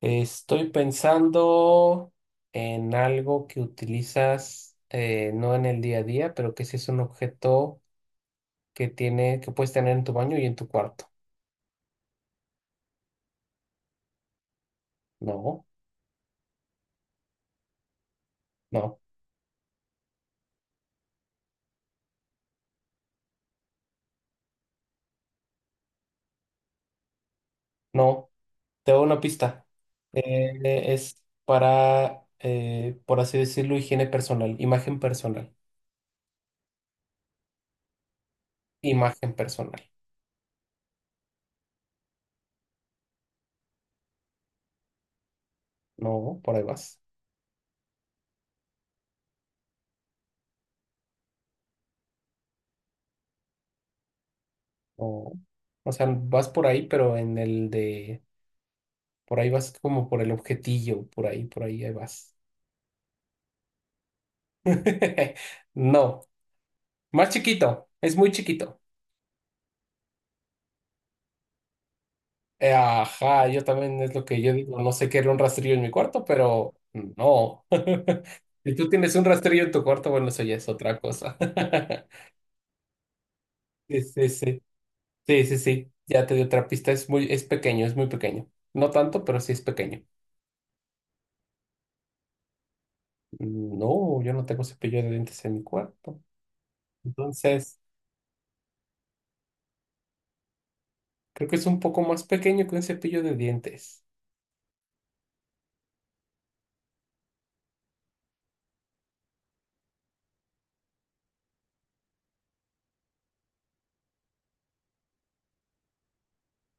Estoy pensando en algo que utilizas no en el día a día, pero que sí es un objeto que tiene, que puedes tener en tu baño y en tu cuarto. No, no, no. Te doy una pista. Eh, es para, por así decirlo, higiene personal, imagen personal, imagen personal. No, por ahí vas. No. O sea, vas por ahí, pero en el de, por ahí vas como por el objetillo, por ahí, ahí vas. No, más chiquito, es muy chiquito. Ajá, yo también es lo que yo digo, no sé qué era un rastrillo en mi cuarto, pero no. Si tú tienes un rastrillo en tu cuarto, bueno, eso ya es otra cosa. Sí, sí, sí, sí, sí, sí, ya te di otra pista, es muy, es pequeño, es muy pequeño. No tanto, pero sí es pequeño. No, yo no tengo cepillo de dientes en mi cuarto. Entonces, creo que es un poco más pequeño que un cepillo de dientes.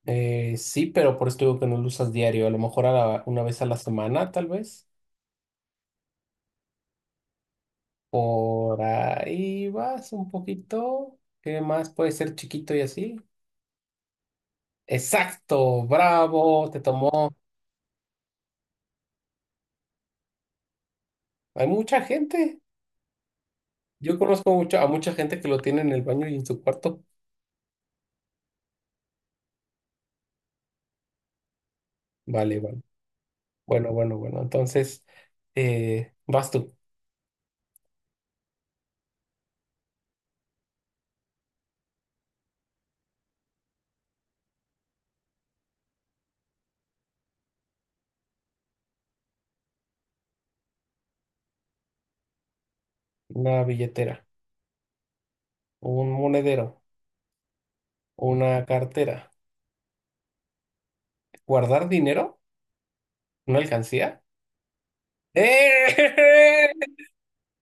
Sí, pero por eso digo que no lo usas diario, a lo mejor una vez a la semana, tal vez. Por ahí vas un poquito. ¿Qué más puede ser chiquito y así? Exacto, bravo, te tomó. Hay mucha gente. Yo conozco mucho, a mucha gente que lo tiene en el baño y en su cuarto. Vale, vale. Bueno, bueno, bueno. Entonces, vas tú. Una billetera, un monedero, una cartera. ¿Guardar dinero? ¿Una alcancía? ¡Eh!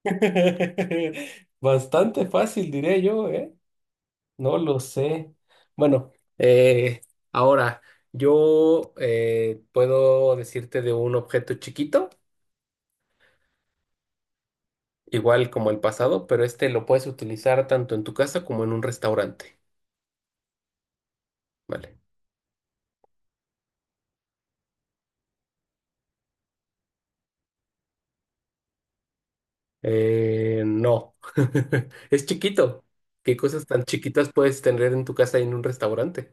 Bastante fácil, diré yo, ¿eh? No lo sé. Bueno, eh, ahora yo puedo decirte de un objeto chiquito, igual como el pasado, pero este lo puedes utilizar tanto en tu casa como en un restaurante, ¿vale? No, es chiquito. ¿Qué cosas tan chiquitas puedes tener en tu casa y en un restaurante?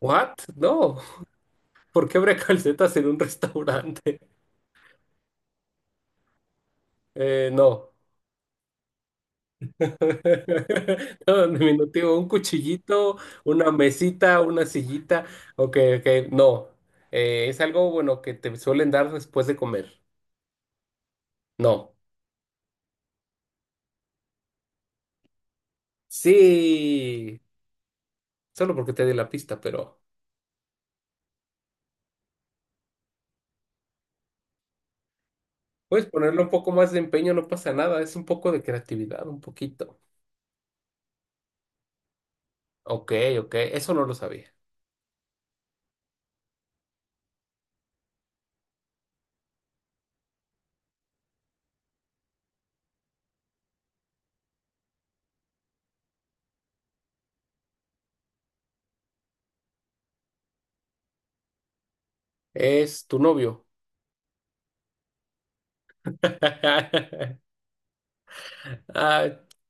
¿What? No, ¿por qué habría calcetas en un restaurante? No. Todo en diminutivo, un cuchillito, una mesita, una sillita. Ok, ok, no. Es algo bueno que te suelen dar después de comer. No. Sí, solo porque te di la pista, pero puedes ponerle un poco más de empeño, no pasa nada. Es un poco de creatividad, un poquito. Ok, ok, eso no lo sabía. Es tu novio. Ah,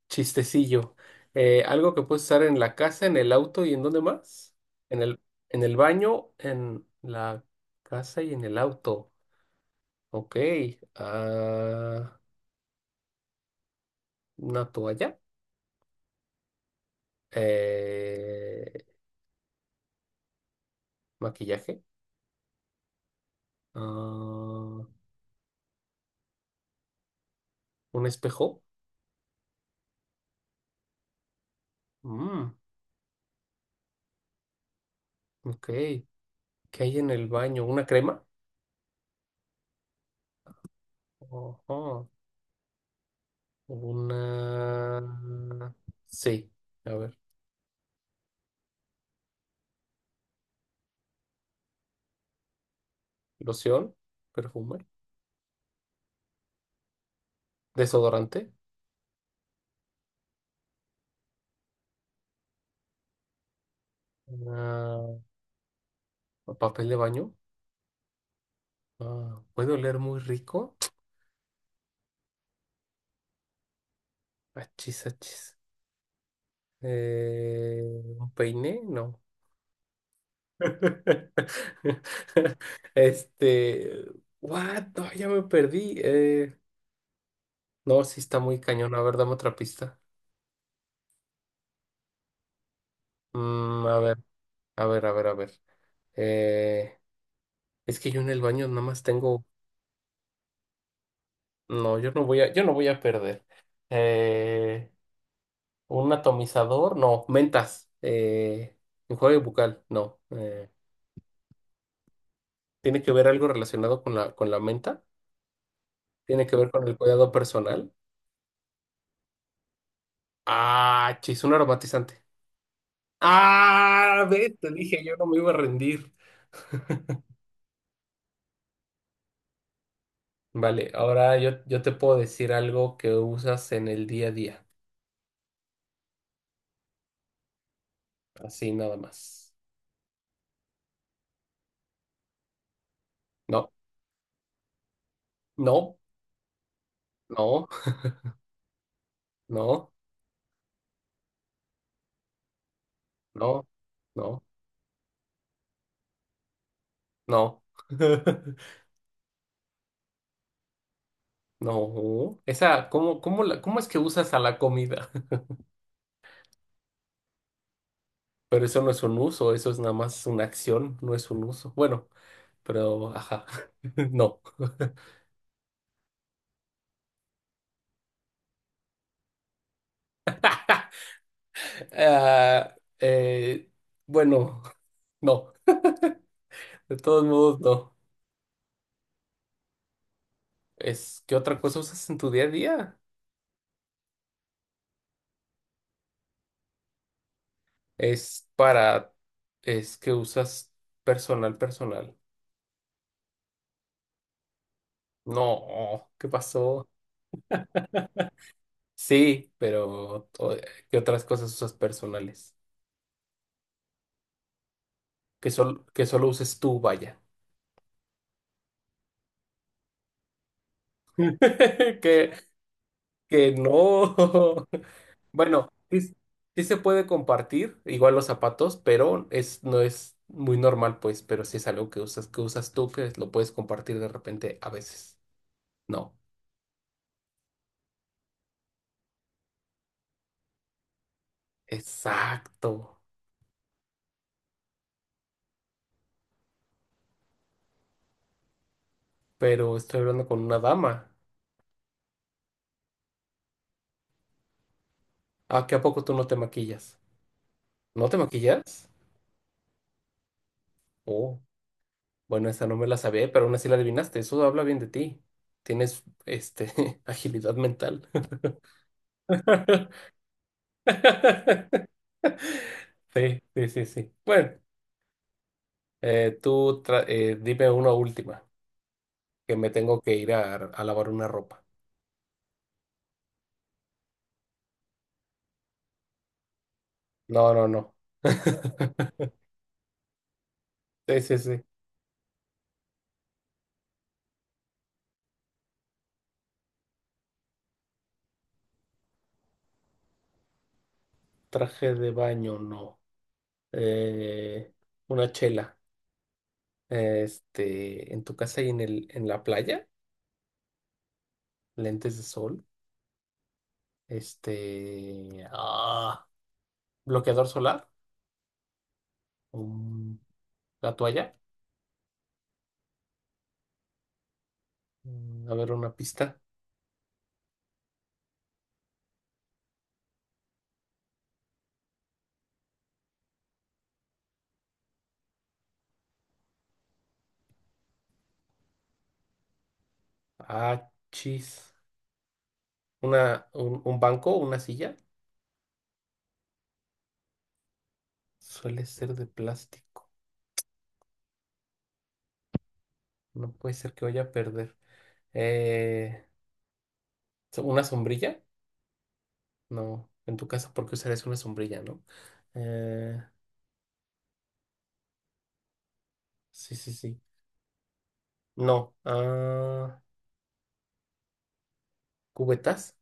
chistecillo. ¿Algo que puedes usar en la casa, en el auto y en dónde más? En el, en el baño, en la casa y en el auto. Ok. Ah, una toalla. Eh, Maquillaje. Ah, un espejo. Mm, ok. ¿Qué hay en el baño? ¿Una crema? Ojo. Una... Sí. A ver. Loción. Perfume. Desodorante. Ah, papel de baño. Ah, ¿puede oler muy rico? Achis, achis. Eh, ¿Un peine? No. Este. What? No, ya me perdí. No, sí está muy cañón. A ver, dame otra pista. A ver, a ver, a ver, a ver. Eh, es que yo en el baño nada más tengo. No, yo no voy a perder. Eh, Un atomizador, no, mentas, enjuague bucal, no. ¿Tiene que ver algo relacionado con con la menta? ¿Tiene que ver con el cuidado personal? Ah, chis, un aromatizante. Ah, ve, te dije, yo no me iba a rendir. Vale, ahora yo te puedo decir algo que usas en el día a día, así nada más. No, no, no, no, no, no, no. No, esa, ¿cómo es que usas a la comida? Pero eso no es un uso, eso es nada más una acción, no es un uso. Bueno, pero ajá, no. Ah, eh, bueno, no, de todos modos, no. Es que otra cosa usas en tu día a día. Es para, es que usas personal, personal. No, ¿qué pasó? Sí, ¿qué otras cosas usas personales? Que, solo uses tú, vaya. que que no. Bueno, sí, sí se puede compartir, igual los zapatos, pero es, no es muy normal, pues, pero sí es algo que usas tú, que lo puedes compartir de repente a veces. No, exacto. Pero estoy hablando con una dama. ¿A qué a poco tú no te maquillas? ¿No te maquillas? Oh, bueno, esa no me la sabía, pero aún así la adivinaste. Eso habla bien de ti. Tienes, este, agilidad mental. Sí, sí, sí, sí. Bueno. Dime una última, que me tengo que ir a lavar una ropa. No, no, no. Sí, sí, sí. Traje de baño, no. Eh, una chela. Este, en tu casa y en el, en la playa, lentes de sol. Este, ah, Bloqueador solar. Mm, la toalla. A ver, una pista. Ah, chis. Un banco, una silla. Suele ser de plástico. No puede ser que vaya a perder. Eh, ¿Una sombrilla? No, en tu casa, porque usarías una sombrilla, ¿no? Eh, sí, sí, sí. No. Ah, ¿cubetas?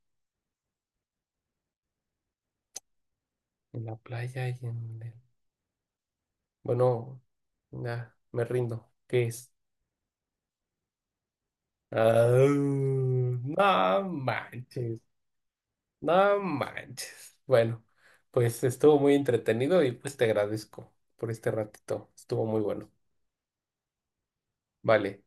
En la playa y en el... Bueno, ya, me rindo. ¿Qué es? Ah, no manches, no manches. Bueno, pues estuvo muy entretenido y pues te agradezco por este ratito. Estuvo muy bueno. Vale.